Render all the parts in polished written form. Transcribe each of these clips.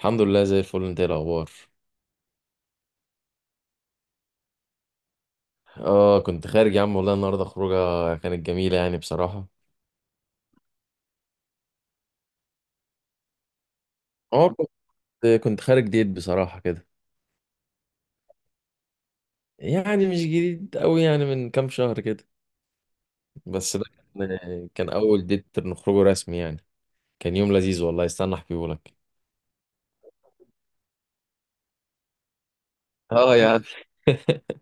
الحمد لله زي الفل، انت ايه الاخبار؟ اه كنت خارج يا عم، والله النهارده خروجه كانت جميله بصراحه. اه كنت خارج ديت بصراحه كده. يعني مش جديد قوي، يعني من كام شهر كده. بس ده كان اول ديت نخرجه رسمي يعني. كان يوم لذيذ والله، استنى احكيه لك. اه يا عم.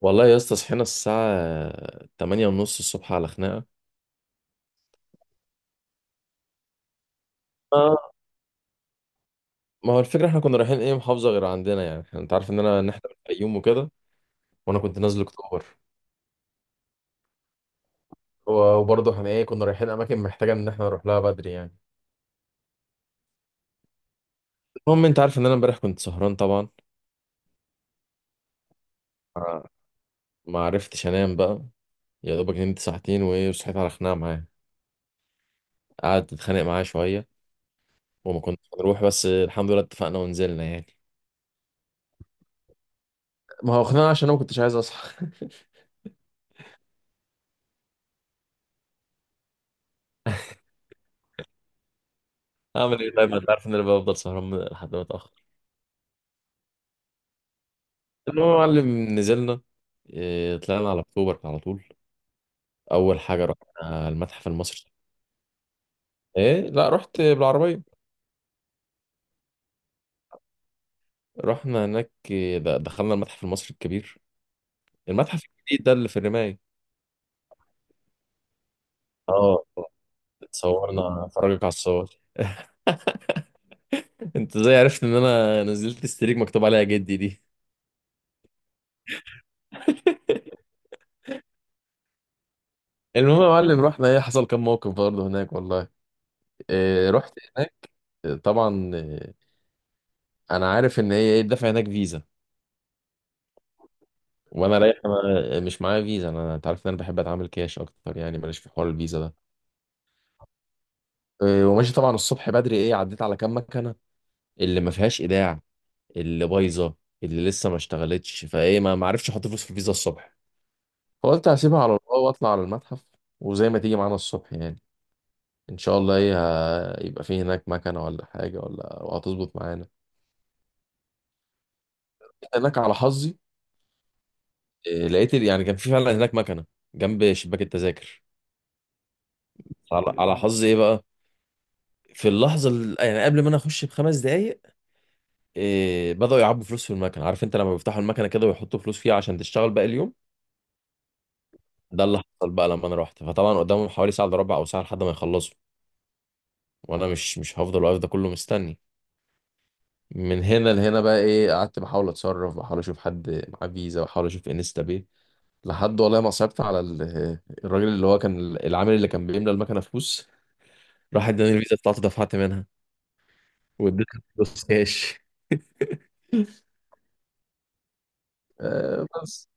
والله يا اسطى صحينا الساعه 8 ونص الصبح على خناقه. اه، ما هو الفكره احنا كنا رايحين ايه، محافظه غير عندنا، يعني انت عارف ان انا ان احنا من الفيوم وكده، وانا كنت نازل اكتوبر. وبرضه احنا ايه كنا رايحين اماكن محتاجه ان احنا نروح لها بدري يعني. المهم انت عارف ان انا امبارح كنت سهران طبعا. آه، ما عرفتش انام بقى. يا دوبك نمت ساعتين وايه، وصحيت على خناقه معاه، قعدت اتخانق معاه شويه. وما كناش هنروح بس الحمد لله اتفقنا ونزلنا يعني. ما هو خناقه عشان انا ما كنتش عايز اصحى. اعمل ايه طيب؟ ما انت عارف ان انا بفضل سهران لحد ما اتاخر. المهم يا معلم نزلنا. طلعنا على اكتوبر على طول. اول حاجه رحنا المتحف المصري. ايه، لا رحت بالعربيه. رحنا هناك. دخلنا المتحف المصري الكبير، المتحف الجديد ده اللي في الرماية. اه، اتصورنا، فرجك على الصور. انت ازاي عرفت ان انا نزلت استريك مكتوب عليها جدي دي؟ المهم يا معلم رحنا، ايه حصل كام موقف برضه هناك والله. إيه رحت هناك. إيه، طبعا إيه، انا عارف ان هي ايه الدفع هناك فيزا. وانا رايح أنا مش معايا فيزا، انا انت عارف ان انا بحب اتعامل كاش اكتر، يعني ماليش في حوار الفيزا ده. إيه وماشي، طبعا الصبح بدري ايه عديت على كام مكنه، اللي ما فيهاش ايداع، اللي بايظه، اللي لسه ما اشتغلتش، فايه ما عرفش احط فلوس في الفيزا الصبح. فقلت هسيبها على الله واطلع على المتحف، وزي ما تيجي معانا الصبح يعني. ان شاء الله ايه، يبقى في هناك مكنه ولا حاجه ولا، وهتظبط معانا. جيت هناك على حظي. إيه، لقيت يعني كان في فعلا هناك مكنه جنب شباك التذاكر. على على حظي ايه بقى، في اللحظه يعني قبل ما انا اخش بخمس دقايق، إيه بداوا يعبوا فلوس في المكنه. عارف انت لما بيفتحوا المكنه كده ويحطوا فلوس فيها عشان تشتغل باقي اليوم؟ ده اللي حصل بقى لما انا رحت. فطبعا قدامهم حوالي ساعه الا ربع او ساعه لحد ما يخلصوا، وانا مش هفضل واقف ده كله مستني. من هنا لهنا بقى ايه قعدت بحاول اتصرف، بحاول اشوف حد معاه فيزا، بحاول اشوف انستا باي، لحد والله ما صعبت على الراجل اللي هو كان العامل اللي كان بيملى المكنه فلوس. راح اداني الفيزا بتاعته دفعت منها واديتها فلوس كاش. آه بس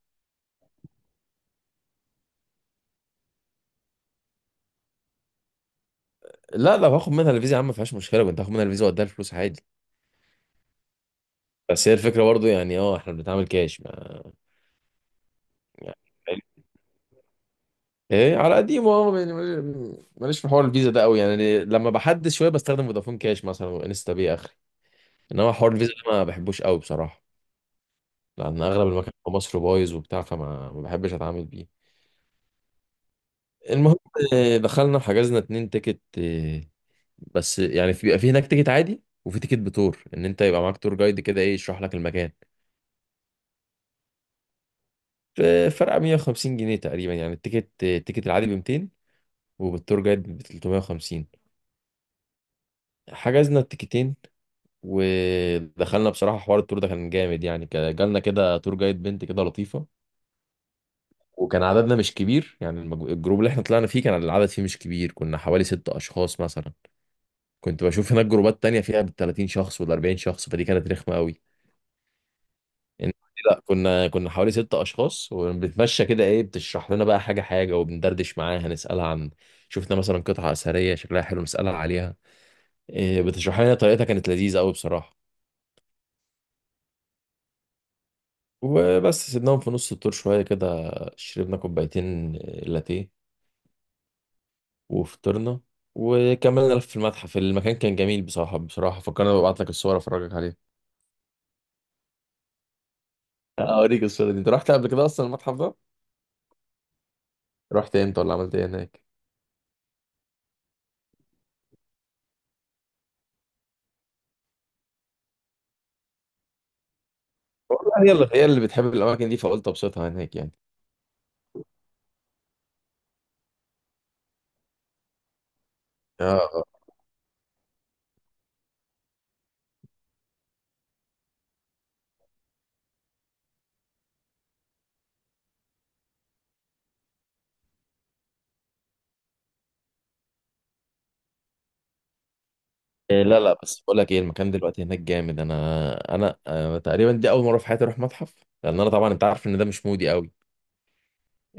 لا لا، باخد منها الفيزا يا عم، ما فيهاش مشكله، كنت هاخد منها الفيزا واديها الفلوس عادي. بس هي الفكره برضه يعني اه احنا بنتعامل كاش يعني. يعني ايه على قديمه، اه يعني ماليش في حوار الفيزا ده قوي، يعني لما بحدد شويه بستخدم فودافون كاش مثلا، وانستا باي اخري. انما حوار الفيزا ده ما بحبوش قوي بصراحه، لان اغلب المكان في مصر بايظ وبتاع، فما ما بحبش اتعامل بيه. المهم، آه، دخلنا وحجزنا اتنين تيكت. آه، بس يعني في بيبقى في هناك تيكت عادي، وفي تيكت بتور، ان انت يبقى معاك تور جايد كده ايه يشرح لك المكان. ف- فرق 150 جنيه تقريبا، يعني التيكت التيكت العادي ب 200، وبالتور جايد ب 350. حجزنا التيكتين ودخلنا. بصراحة حوار التور ده كان جامد، يعني كان جالنا كده تور جايد بنت كده لطيفة، وكان عددنا مش كبير، يعني الجروب اللي احنا طلعنا فيه كان العدد فيه مش كبير، كنا حوالي ست أشخاص مثلا. كنت بشوف هناك جروبات تانية فيها بالتلاتين شخص والأربعين شخص، فدي كانت رخمة قوي. إن- لا كنا حوالي ست أشخاص، وبنتمشى كده، إيه بتشرح لنا بقى حاجة حاجة، وبندردش معاها نسألها عن، شفنا مثلا قطعة أثرية شكلها حلو نسألها عليها، إيه بتشرح لنا طريقتها، كانت لذيذة قوي بصراحة. وبس سيبناهم في نص الطور شوية كده، شربنا كوبايتين لاتيه وفطرنا، وكملنا لف في المتحف. المكان كان جميل بصراحة، بصراحة فكرنا ببعت لك الصور أفرجك عليها. أوريك الصورة دي، أنت رحت قبل كده أصلا المتحف ده؟ رحت إمتى، ولا عملت إيه هناك؟ والله هي اللي بتحب الأماكن دي، فقلت أبسطها هناك يعني. آه، آه. إيه لا لا، بس بقول لك إيه، المكان دلوقتي هناك جامد، أنا آه، تقريبا دي أول مرة في حياتي أروح متحف، لأن أنا طبعا أنت عارف إن ده مش مودي أوي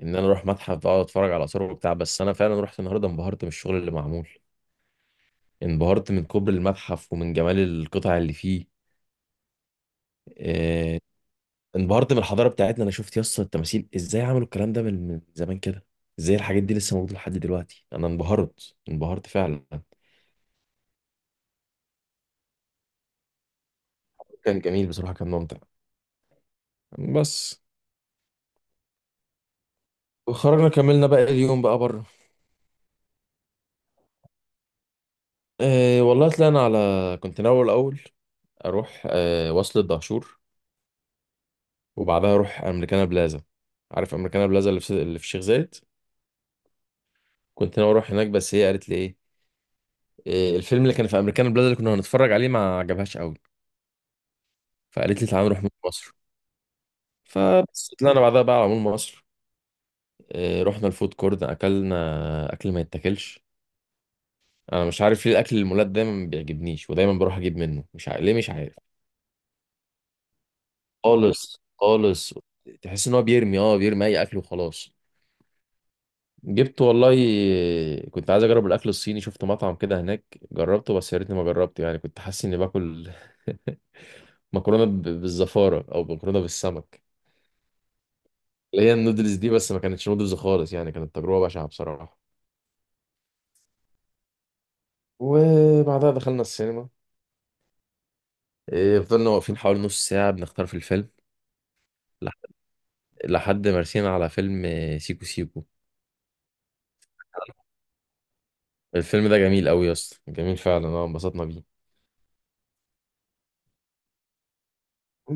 ان انا اروح متحف بقى اقعد اتفرج على اثار وبتاع. بس انا فعلا رحت النهارده، انبهرت من الشغل اللي معمول، انبهرت من كبر المتحف ومن جمال القطع اللي فيه. آه، انبهرت من الحضاره بتاعتنا، انا شفت يس التماثيل ازاي عملوا الكلام ده من زمان كده، ازاي الحاجات دي لسه موجوده لحد دلوقتي. انا انبهرت، انبهرت فعلا. كان جميل بصراحه، كان ممتع بس. وخرجنا كملنا بقى اليوم بقى بره. أه والله طلعنا على، كنت ناوي الاول اروح أه وصل الدهشور، وبعدها اروح امريكانا بلازا. عارف امريكانا بلازا اللي في الشيخ زايد؟ كنت ناوي اروح هناك، بس هي قالت لي ايه، إيه، الفيلم اللي كان في امريكانا بلازا اللي كنا هنتفرج عليه ما عجبهاش قوي، فقالت لي تعالى نروح مول مصر. فبس طلعنا بعدها بقى على مول مصر. إيه، رحنا الفود كورت، اكلنا اكل ما يتاكلش. انا مش عارف ليه الاكل المولات دايما ما بيعجبنيش، ودايما بروح اجيب منه، مش عارف ليه، مش عارف. خالص خالص. تحس ان هو بيرمي، اه بيرمي اي اكل وخلاص. جبت والله، كنت عايز اجرب الاكل الصيني، شفت مطعم كده هناك جربته، بس يا ريتني ما جربته، يعني كنت حاسس اني باكل مكرونه بالزفاره، او مكرونه بالسمك، اللي هي النودلز دي، بس ما كانتش نودلز خالص، يعني كانت تجربه بشعه بصراحه. وبعدها دخلنا السينما. إيه، فضلنا واقفين حوالي نص ساعه بنختار في الفيلم. لح- لحد ما رسينا على فيلم آه، سيكو سيكو. الفيلم ده جميل قوي يا اسطى، جميل فعلا، اه انبسطنا بيه.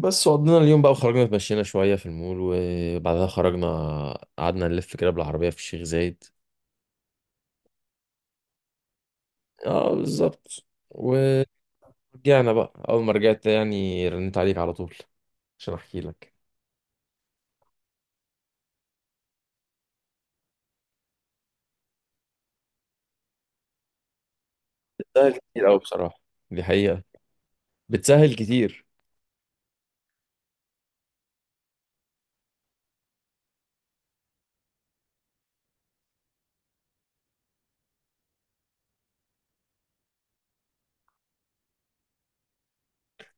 بس قضينا اليوم بقى، وخرجنا اتمشينا شوية في المول، وبعدها خرجنا، قعدنا نلف كده بالعربية في الشيخ زايد. اه بالظبط. ورجعنا. بقى أول ما رجعت يعني رنيت عليك على طول عشان أحكي لك. بتسهل كتير أوي بصراحة، دي حقيقة. بتسهل كتير.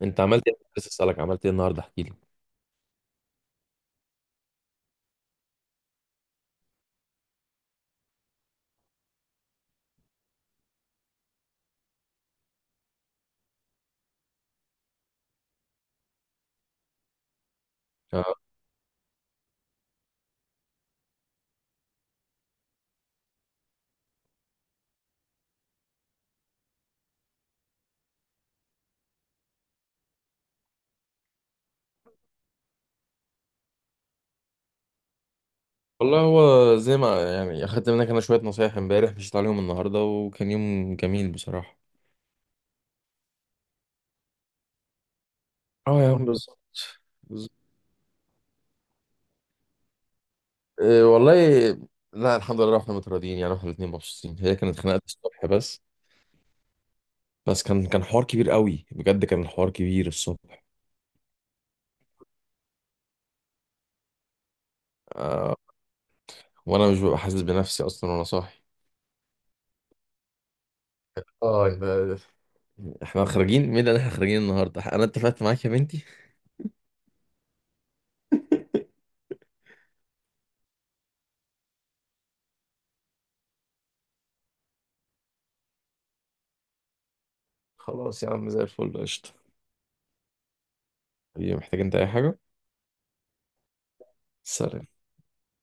أنت عملت إيه؟ بس أسألك، عملت إيه النهاردة؟ احكي لي. آه، والله هو زي ما يعني أخدت منك أنا شوية نصايح امبارح، مشيت عليهم النهاردة وكان يوم جميل بصراحة. اه يا عم بالظبط. بالظبط. إيه والله. لا الحمد لله احنا متراضيين يعني، احنا الاثنين مبسوطين، هي كانت خناقه الصبح بس. بس كان حوار كبير قوي بجد، كان الحوار كبير الصبح. آه. وانا مش ببقى حاسس بنفسي اصلا وانا صاحي. اه يبقى احنا خارجين مين، اللي احنا خارجين النهارده انا اتفقت معاك يا بنتي. خلاص يا عم زي الفل قشطه. حبيبي محتاج انت اي حاجه؟ سلام.